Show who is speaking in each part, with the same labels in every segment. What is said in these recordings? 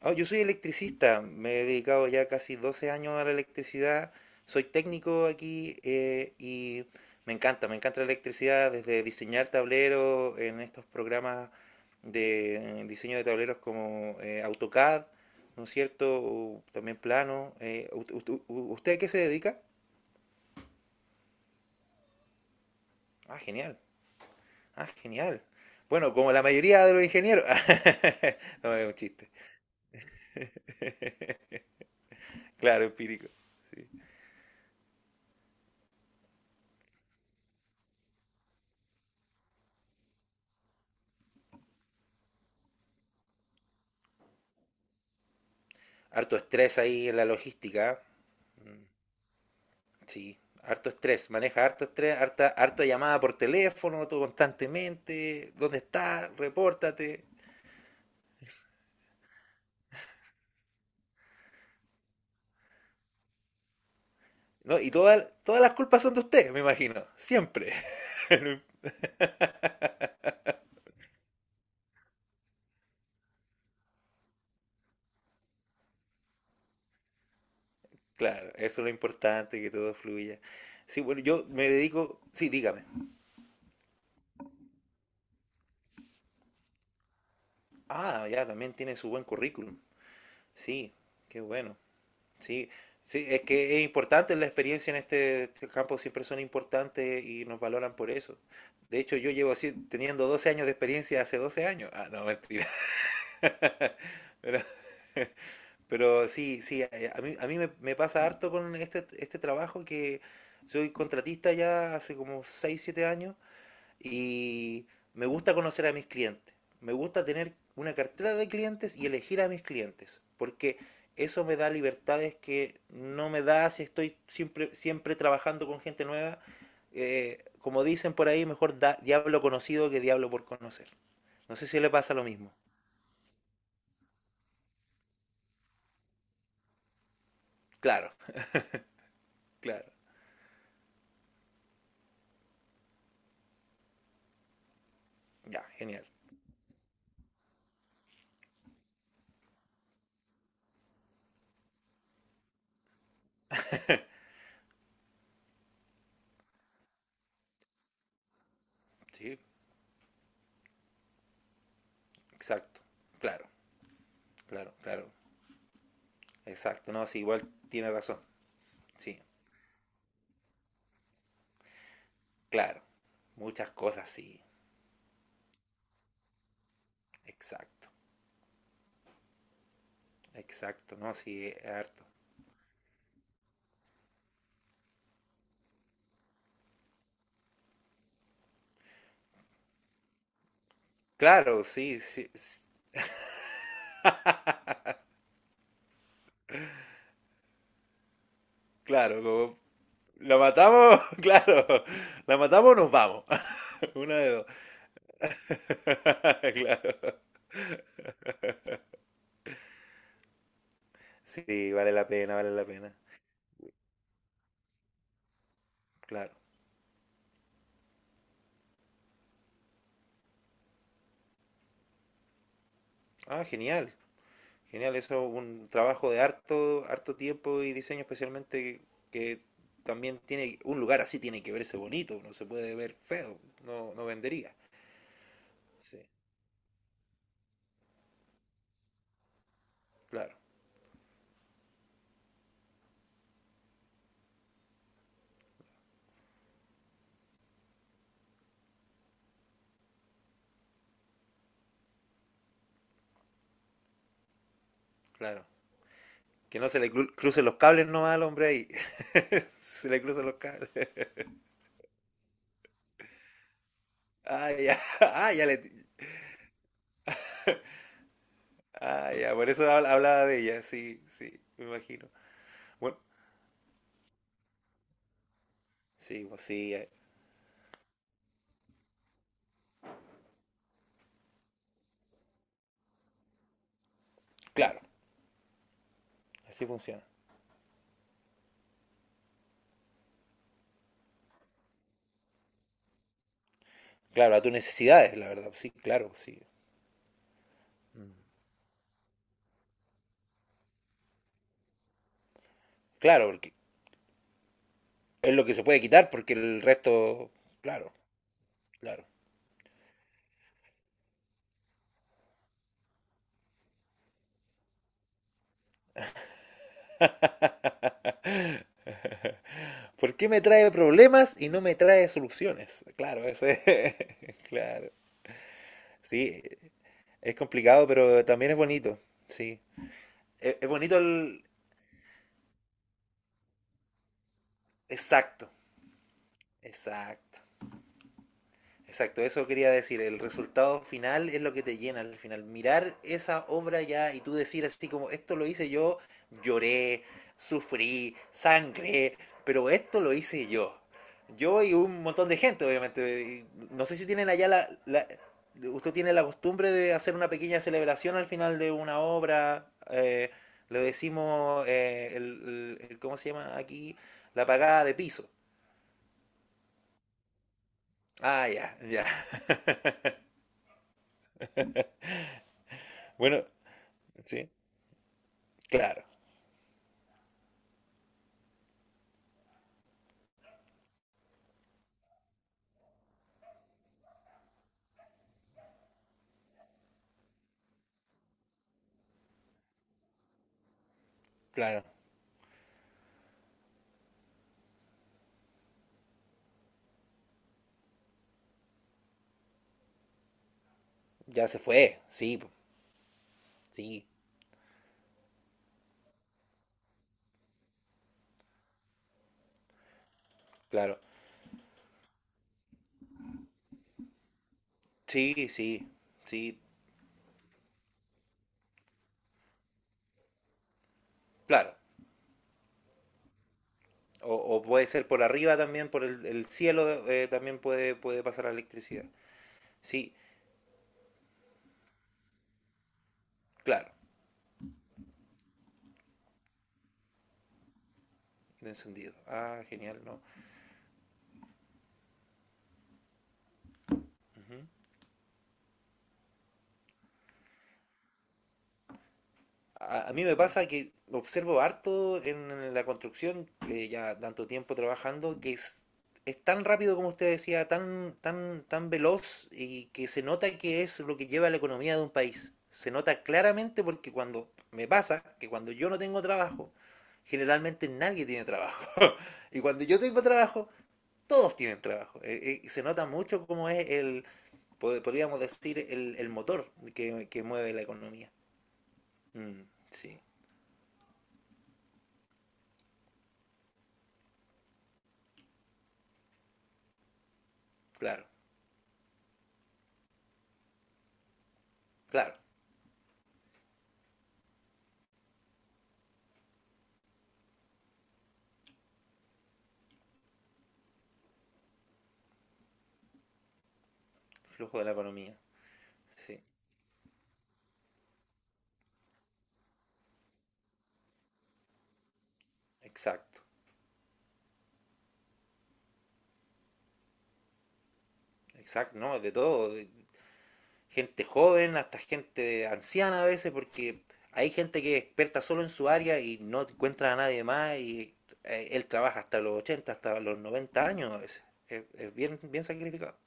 Speaker 1: Ah, yo soy electricista, me he dedicado ya casi 12 años a la electricidad, soy técnico aquí y me encanta la electricidad desde diseñar tableros en estos programas de diseño de tableros como AutoCAD, ¿no es cierto? O también plano. ¿usted a qué se dedica? Ah, genial, ah, genial. Bueno, como la mayoría de los ingenieros. No, es un chiste, claro, empírico. Sí. Harto estrés ahí en la logística. Sí, harto estrés, maneja harto estrés, harta, harta llamada por teléfono, todo constantemente. ¿Dónde está? Repórtate. ¿No? Y todas las culpas son de usted, me imagino, siempre. Claro, eso es lo importante, que todo fluya. Sí, bueno, yo me dedico. Sí, dígame. Ah, ya, también tiene su buen currículum. Sí, qué bueno. Sí, sí, es que es importante la experiencia en este campo, siempre son importantes y nos valoran por eso. De hecho, yo llevo así, teniendo 12 años de experiencia hace 12 años. Ah, no, mentira. Pero, pero sí, sí, a mí me pasa harto con este trabajo que soy contratista ya hace como 6 7 años y me gusta conocer a mis clientes. Me gusta tener una cartera de clientes y elegir a mis clientes. Porque eso me da libertades que no me da si estoy siempre trabajando con gente nueva. Como dicen por ahí, mejor da, diablo conocido que diablo por conocer. No sé si le pasa lo mismo. Claro, claro. Ya, genial. Sí, exacto. Claro, claro, claro. Exacto. No, sí, igual tiene razón. Sí, claro. Muchas cosas, sí. Exacto. Exacto, no, sí, es harto. Claro, sí, sí, claro, como la matamos, claro, la matamos o nos vamos, una de dos. Claro, sí, vale la pena, claro. Ah, genial, genial, eso es un trabajo de harto, harto tiempo y diseño especialmente que también tiene, un lugar así tiene que verse bonito, no se puede ver feo, no, no vendería. Sí, claro, claro. Que no se le crucen los cables nomás al hombre ahí. Se le cruzan los cables. Ah, ya. Ah, ya le. Ah, ya. Por eso hablaba de ella. Sí, sí, me imagino. Bueno, sí, pues sí. Claro, así funciona. Claro, a tus necesidades, la verdad. Sí, claro, sí. Mm. Claro, porque es lo que se puede quitar, porque el resto. Claro, claro. ¿Por qué me trae problemas y no me trae soluciones? Claro, eso es. Claro. Sí, es complicado, pero también es bonito. Sí. Es bonito el... Exacto. Exacto. Exacto, eso quería decir. El resultado final es lo que te llena al final. Mirar esa obra ya y tú decir así como, esto lo hice yo, lloré, sufrí, sangré, pero esto lo hice yo. Yo y un montón de gente, obviamente. Y no sé si tienen allá usted tiene la costumbre de hacer una pequeña celebración al final de una obra. Le decimos, ¿cómo se llama aquí? La pagada de piso. Ah, ya, ya. Bueno, sí, claro. Claro, ya se fue, sí, sí, claro. Sí, sí, sí, claro. O puede ser por arriba también, por el cielo, también puede, puede pasar la electricidad. Sí, claro, de encendido. Ah, genial, ¿no? A mí me pasa que observo harto en la construcción, ya tanto tiempo trabajando, que es tan rápido como usted decía, tan, tan, tan veloz y que se nota que es lo que lleva la economía de un país. Se nota claramente porque cuando me pasa que cuando yo no tengo trabajo, generalmente nadie tiene trabajo. Y cuando yo tengo trabajo, todos tienen trabajo. Se nota mucho cómo es el, podríamos decir, el motor que mueve la economía. Mm, sí, claro. Claro, el flujo de la economía. Sí, exacto. Exacto, ¿no? De todo. Gente joven hasta gente anciana a veces, porque hay gente que es experta solo en su área y no encuentra a nadie más y él trabaja hasta los 80, hasta los 90 años a veces. Es bien, bien sacrificado.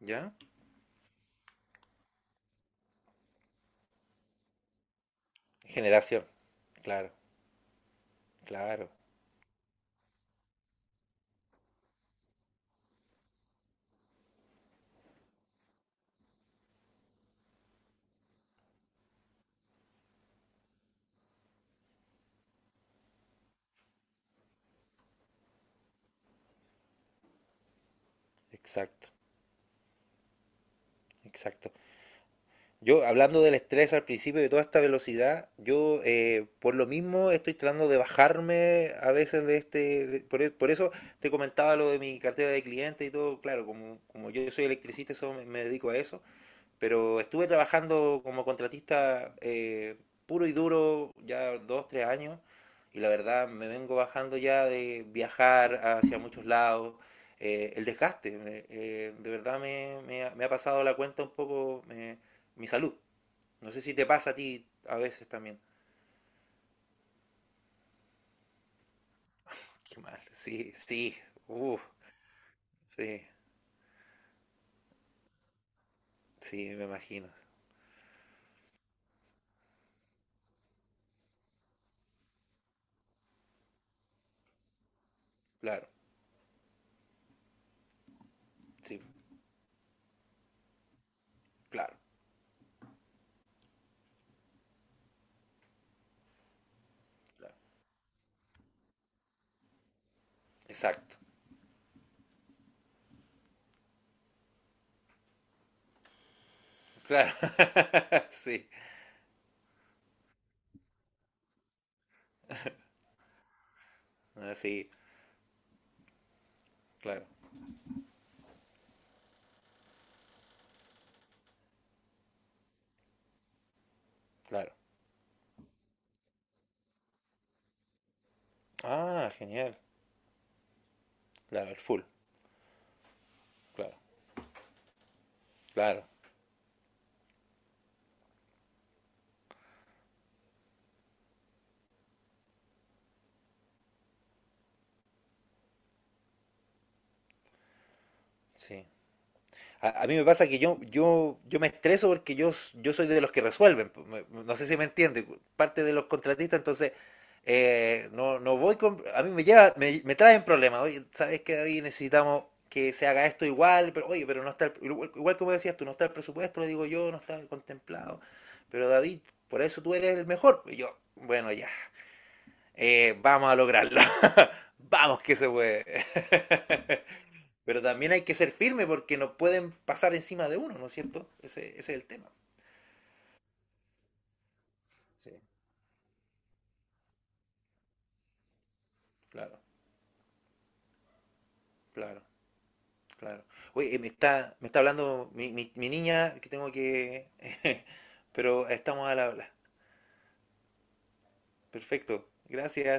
Speaker 1: ¿Ya? Generación. Claro, claro. Exacto, exacto. Yo, hablando del estrés al principio de toda esta velocidad, yo por lo mismo estoy tratando de bajarme a veces de este... de- por, e- por eso te comentaba lo de mi cartera de clientes y todo. Claro, como, como yo soy electricista, eso me dedico a eso. Pero estuve trabajando como contratista puro y duro ya dos, tres años y la verdad me vengo bajando ya de viajar hacia muchos lados. El desgaste, de verdad me ha pasado la cuenta un poco, mi salud. No sé si te pasa a ti a veces también. Qué mal, sí, sí, uff, sí, sí, me imagino. Claro, sí, claro, claro. Exacto, claro, sí, ah, sí, claro, claro. Ah, genial. Claro, el full. Claro, claro. Sí. A mí me pasa que yo me estreso porque yo, yo soy de los que resuelven. No sé si me entiende. Parte de los contratistas, entonces no, no voy con. A mí me lleva, me traen problemas. Oye, ¿sabes qué, David? Necesitamos que se haga esto igual, pero oye, pero no está igual, igual como decías tú, no está el presupuesto, lo digo yo, no está contemplado. Pero David, por eso tú eres el mejor. Y yo, bueno, ya. Vamos a lograrlo. Vamos que se puede. Pero también hay que ser firme porque no pueden pasar encima de uno, ¿no es cierto? Ese es el tema. Sí, claro, claro, claro. Oye, me está hablando mi niña que tengo que... Pero estamos a la habla. Perfecto. Gracias.